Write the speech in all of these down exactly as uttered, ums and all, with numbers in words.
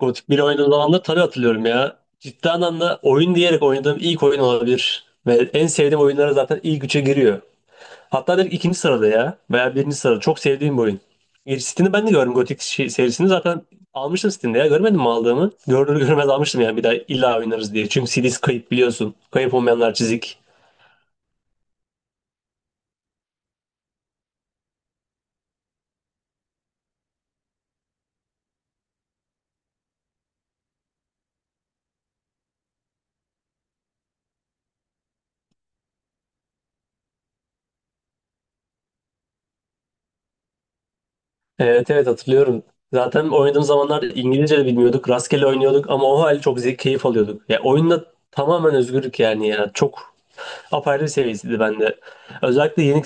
Gothic bir oynadığım zaman da tabii hatırlıyorum ya. Ciddi anlamda oyun diyerek oynadığım ilk oyun olabilir. Ve en sevdiğim oyunlara zaten ilk üçe giriyor. Hatta direkt ikinci sırada ya. Veya birinci sırada. Çok sevdiğim bir oyun. E, Steam'de ben de gördüm Gothic şey- serisini. Zaten almıştım Steam'de ya. Görmedim mi aldığımı? Görünür görmez almıştım yani bir daha illa oynarız diye. Çünkü C D'si kayıp biliyorsun. Kayıp olmayanlar çizik. Evet evet hatırlıyorum. Zaten oynadığım zamanlar İngilizce de bilmiyorduk. Rastgele oynuyorduk ama o hal çok zevk keyif alıyorduk. Ya oyunda tamamen özgürlük yani ya. Çok apayrı bir seviyesiydi bende. Özellikle yeni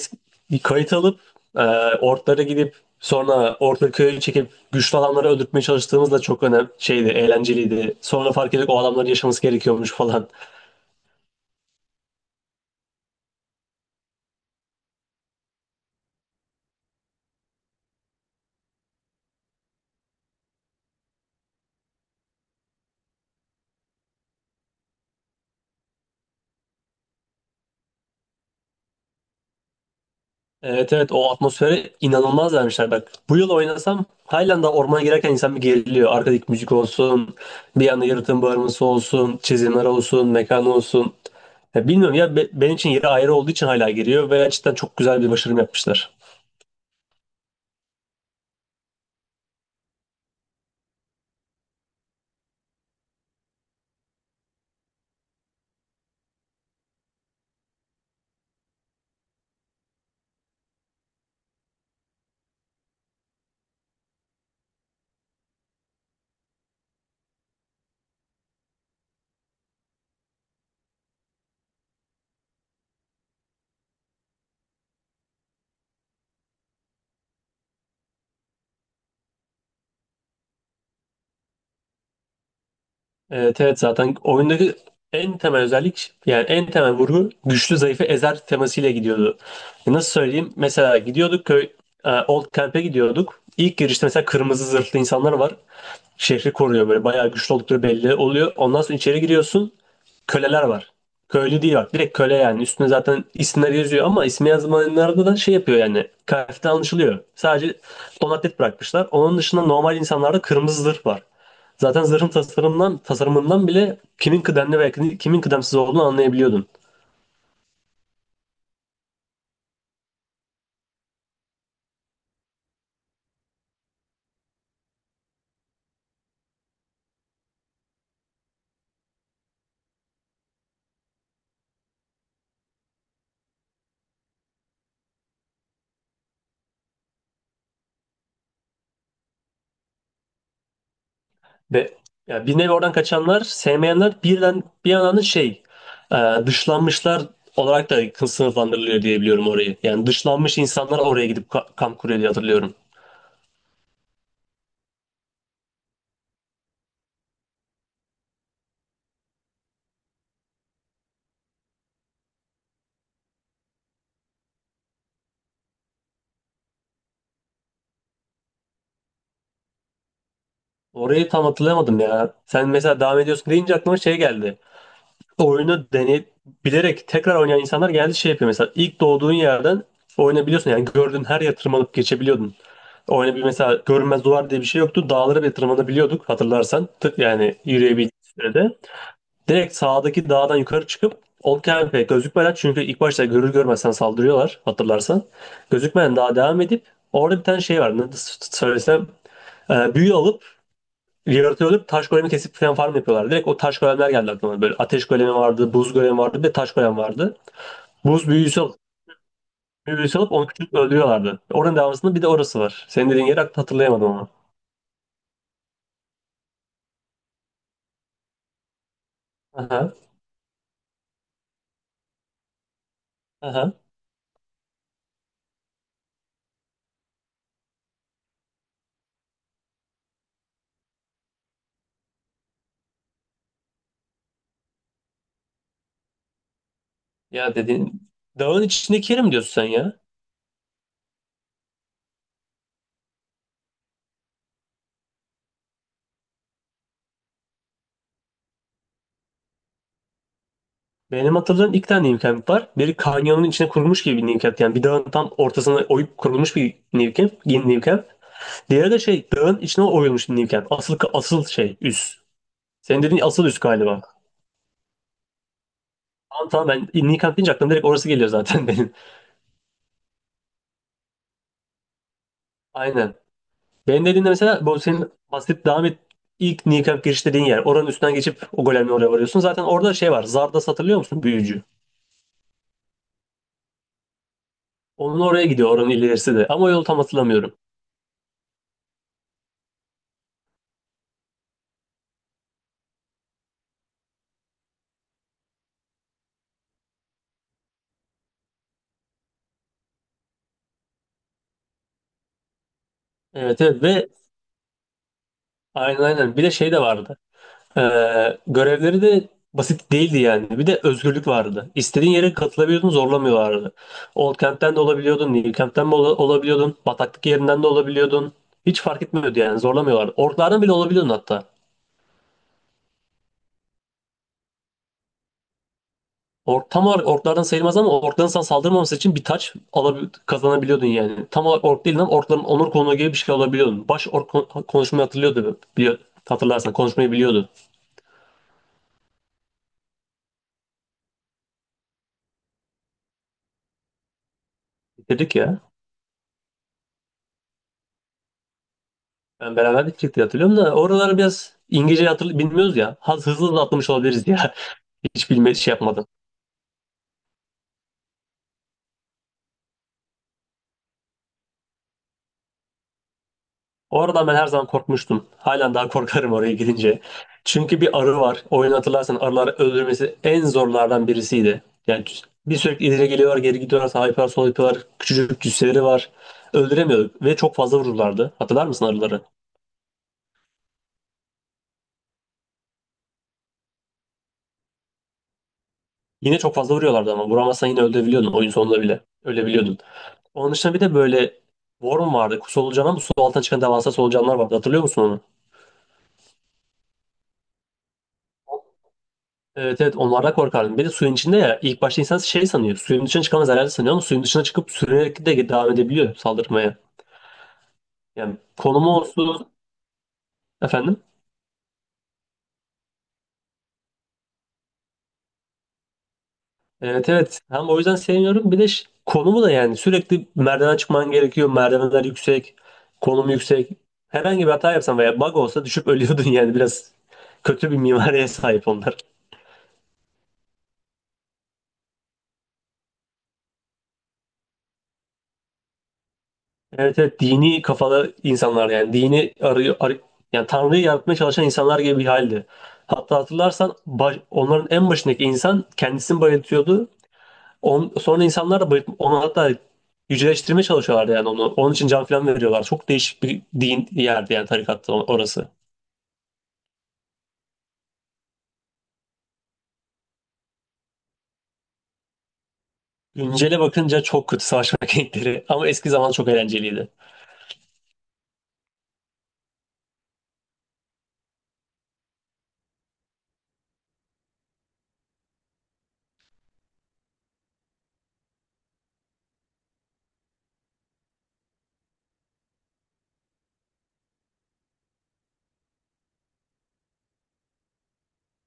bir kayıt alıp e, ortlara gidip sonra orta köyü çekip güçlü adamları öldürtmeye çalıştığımız da çok önemli şeydi, eğlenceliydi. Sonra fark ettik o adamların yaşaması gerekiyormuş falan. Evet evet o atmosfere inanılmaz vermişler bak. Bu yıl oynasam halen ormana girerken insan bir geriliyor. Arkadaki müzik olsun, bir yana yaratığın bağırması olsun, çizimler olsun, mekan olsun. Ya bilmiyorum ya be- benim için yeri ayrı olduğu için hala giriyor ve gerçekten çok güzel bir başarım yapmışlar. Evet, evet zaten oyundaki en temel özellik yani en temel vurgu güçlü zayıfı ezer temasıyla gidiyordu. E, Nasıl söyleyeyim? Mesela gidiyorduk köy e, Old Camp'e gidiyorduk. İlk girişte mesela kırmızı zırhlı insanlar var. Şehri koruyor böyle bayağı güçlü oldukları belli oluyor. Ondan sonra içeri giriyorsun. Köleler var. Köylü değil bak direkt köle yani. Üstüne zaten isimler yazıyor ama ismi yazmayanlarda da şey yapıyor yani. Kıyafetten anlaşılıyor. Sadece donatlet bırakmışlar. Onun dışında normal insanlarda kırmızı zırh var. Zaten zırhın tasarımından, tasarımından bile kimin kıdemli ve kimin kıdemsiz olduğunu anlayabiliyordun. Ve ya bir nevi oradan kaçanlar, sevmeyenler birden bir yandan da şey, e, dışlanmışlar olarak da sınıflandırılıyor diye biliyorum orayı. Yani dışlanmış insanlar oraya gidip ka- kamp kuruyor diye hatırlıyorum. Orayı tam hatırlayamadım ya. Sen mesela devam ediyorsun deyince aklıma şey geldi. Oyunu deney bilerek tekrar oynayan insanlar geldi şey yapıyor mesela ilk doğduğun yerden oynayabiliyorsun yani gördüğün her yere tırmanıp geçebiliyordun. O hani bir mesela görünmez duvar diye bir şey yoktu. Dağlara bile tırmanabiliyorduk hatırlarsan. Tık yani yürüyebildiğimiz sürede. Direkt sağdaki dağdan yukarı çıkıp Olkemp'e gözükmeden çünkü ilk başta görür görmezsen saldırıyorlar hatırlarsan. Gözükmeden daha devam edip orada bir tane şey var. Ne söylesem e, büyü alıp yaratığı alıp taş golemi kesip falan farm yapıyorlar. Direkt o taş golemler geldi aklıma. Böyle ateş golemi vardı, buz golemi vardı ve taş golem vardı. Buz büyüsü alıp, Büyüsü alıp onu küçük öldürüyorlardı. Oranın devamında bir de orası var. Senin dediğin yeri hatırlayamadım ama. Aha, aha. Ya dediğin dağın içindeki yeri mi diyorsun sen ya? Benim hatırladığım iki tane New Camp var. Biri kanyonun içine kurulmuş gibi bir New Camp. Yani bir dağın tam ortasına oyup kurulmuş bir New Camp. Yeni New Camp. Diğeri de şey dağın içine oyulmuş bir New Camp. Asıl, asıl şey üs. Senin dediğin asıl üs galiba. Tamam tamam ben New Camp deyince aklıma direkt orası geliyor zaten benim. Aynen. Benim dediğimde mesela bu senin bahsedip devam et ilk New Camp giriş dediğin yer. Oranın üstünden geçip o golemle oraya varıyorsun. Zaten orada şey var. Zarda hatırlıyor musun? Büyücü. Onun oraya gidiyor oranın ilerisi de. Ama o yolu tam hatırlamıyorum. Evet evet ve aynen aynen bir de şey de vardı. Ee, görevleri de basit değildi yani. Bir de özgürlük vardı. İstediğin yere katılabiliyordun zorlamıyorlardı. Old Kent'ten de olabiliyordun, New Kent'ten de ola- olabiliyordun, bataklık yerinden de olabiliyordun. Hiç fark etmiyordu yani zorlamıyorlardı. Orklardan bile olabiliyordun hatta. Ork, tam olarak orklardan sayılmaz ama orkların sana saldırmaması için bir taç alabi- kazanabiliyordun yani. Tam olarak ork değil lan orkların onur konuğu gibi bir şey olabiliyordun. Baş ork kon- konuşmayı hatırlıyordu. Biliyor, hatırlarsan konuşmayı biliyordu. Dedik ya. Ben beraber gidecek diye hatırlıyorum da oraları biraz İngilizce hatırlı bilmiyoruz ya. Hız- Hızlı hızlı atlamış olabiliriz ya. Hiç bilme şey yapmadım. Oradan ben her zaman korkmuştum. Halen daha korkarım oraya gidince. Çünkü bir arı var. Oyunu hatırlarsan arıları öldürmesi en zorlardan birisiydi. Yani bir sürekli ileri geliyorlar, geri gidiyorlar, sağa yapıyorlar, sola yapıyorlar. Küçücük cüsseleri var. Öldüremiyorduk ve çok fazla vururlardı. Hatırlar mısın arıları? Yine çok fazla vuruyorlardı ama vuramazsan yine öldürebiliyordun oyun sonunda bile. Ölebiliyordun. Onun dışında bir de böyle worm vardı. Solucan ama su altına çıkan devasa solucanlar vardı. Hatırlıyor musun onu? Evet evet onlardan korkardım. Bir de suyun içinde ya ilk başta insan şey sanıyor. Suyun dışına çıkamaz herhalde sanıyor ama suyun dışına çıkıp sürünerek de devam edebiliyor saldırmaya. Yani konumu olsun efendim. Evet evet hem o yüzden sevmiyorum. Bir de ş- konumu da yani sürekli merdiven çıkman gerekiyor. Merdivenler yüksek. Konum yüksek. Herhangi bir hata yapsan veya bug olsa düşüp ölüyordun yani biraz kötü bir mimariye sahip onlar. Evet, evet dini kafalı insanlar yani dini arıyor arı yani Tanrı'yı yaratmaya çalışan insanlar gibi bir haldi. Hatta hatırlarsan baş- onların en başındaki insan kendisini bayıltıyordu. On, sonra insanlar da bayılt, onu hatta yüceleştirmeye çalışıyorlardı yani onu. Onun için can falan veriyorlar. Çok değişik bir din yerdi yani tarikatta o- orası. Güncele bakınca çok kötü savaş mekanikleri ama eski zaman çok eğlenceliydi.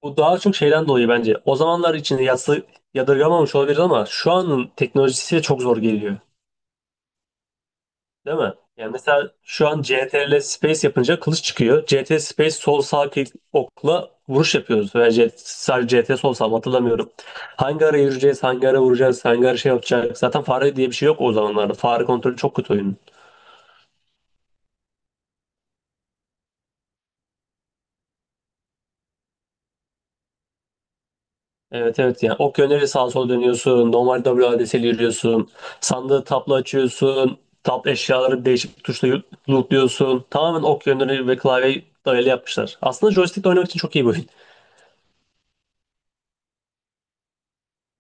Bu daha çok şeyden dolayı bence. O zamanlar için yadsı, yadırgamamış olabilir ama şu anın teknolojisi çok zor geliyor. Değil mi? Yani mesela şu an C T R L Space yapınca kılıç çıkıyor. C T R L Space sol sağ klik okla vuruş yapıyoruz. Veya C- sadece kontrol sol sağ mı hatırlamıyorum. Hangi ara yürüyeceğiz, hangi ara vuracağız, hangi ara şey yapacağız. Zaten fare diye bir şey yok o zamanlarda. Fare kontrolü çok kötü oyunun. Evet evet yani ok yönleri sağa sola dönüyorsun. Normal W WADS'li yürüyorsun. Sandığı tapla açıyorsun. Tap eşyaları değişik bir tuşla yu- lootluyorsun. Tamamen ok yönleri ve klavyeyi dayalı yapmışlar. Aslında joystickle oynamak için çok iyi bir oyun.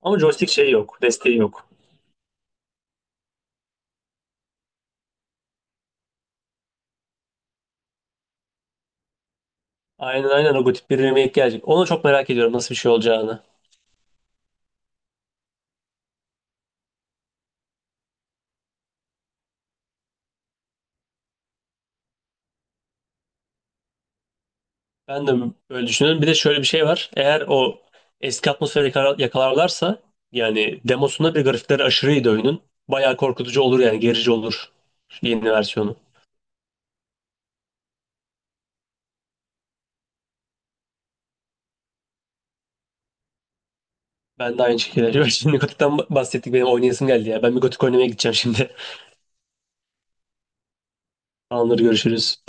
Ama joystick şeyi yok. Desteği yok. Aynen aynen o gotik bir remake gelecek. Onu çok merak ediyorum nasıl bir şey olacağını. Ben de böyle düşünüyorum. Bir de şöyle bir şey var. Eğer o eski atmosferi yakala- yakalarlarsa yani demosunda bir grafikleri aşırıydı oyunun. Bayağı korkutucu olur yani gerici olur şu yeni versiyonu. Ben de aynı şekilde. Şimdi Gotik'ten bahsettik benim oynayasım geldi ya. Ben bir Gotik oynamaya gideceğim şimdi. Tamamdır görüşürüz.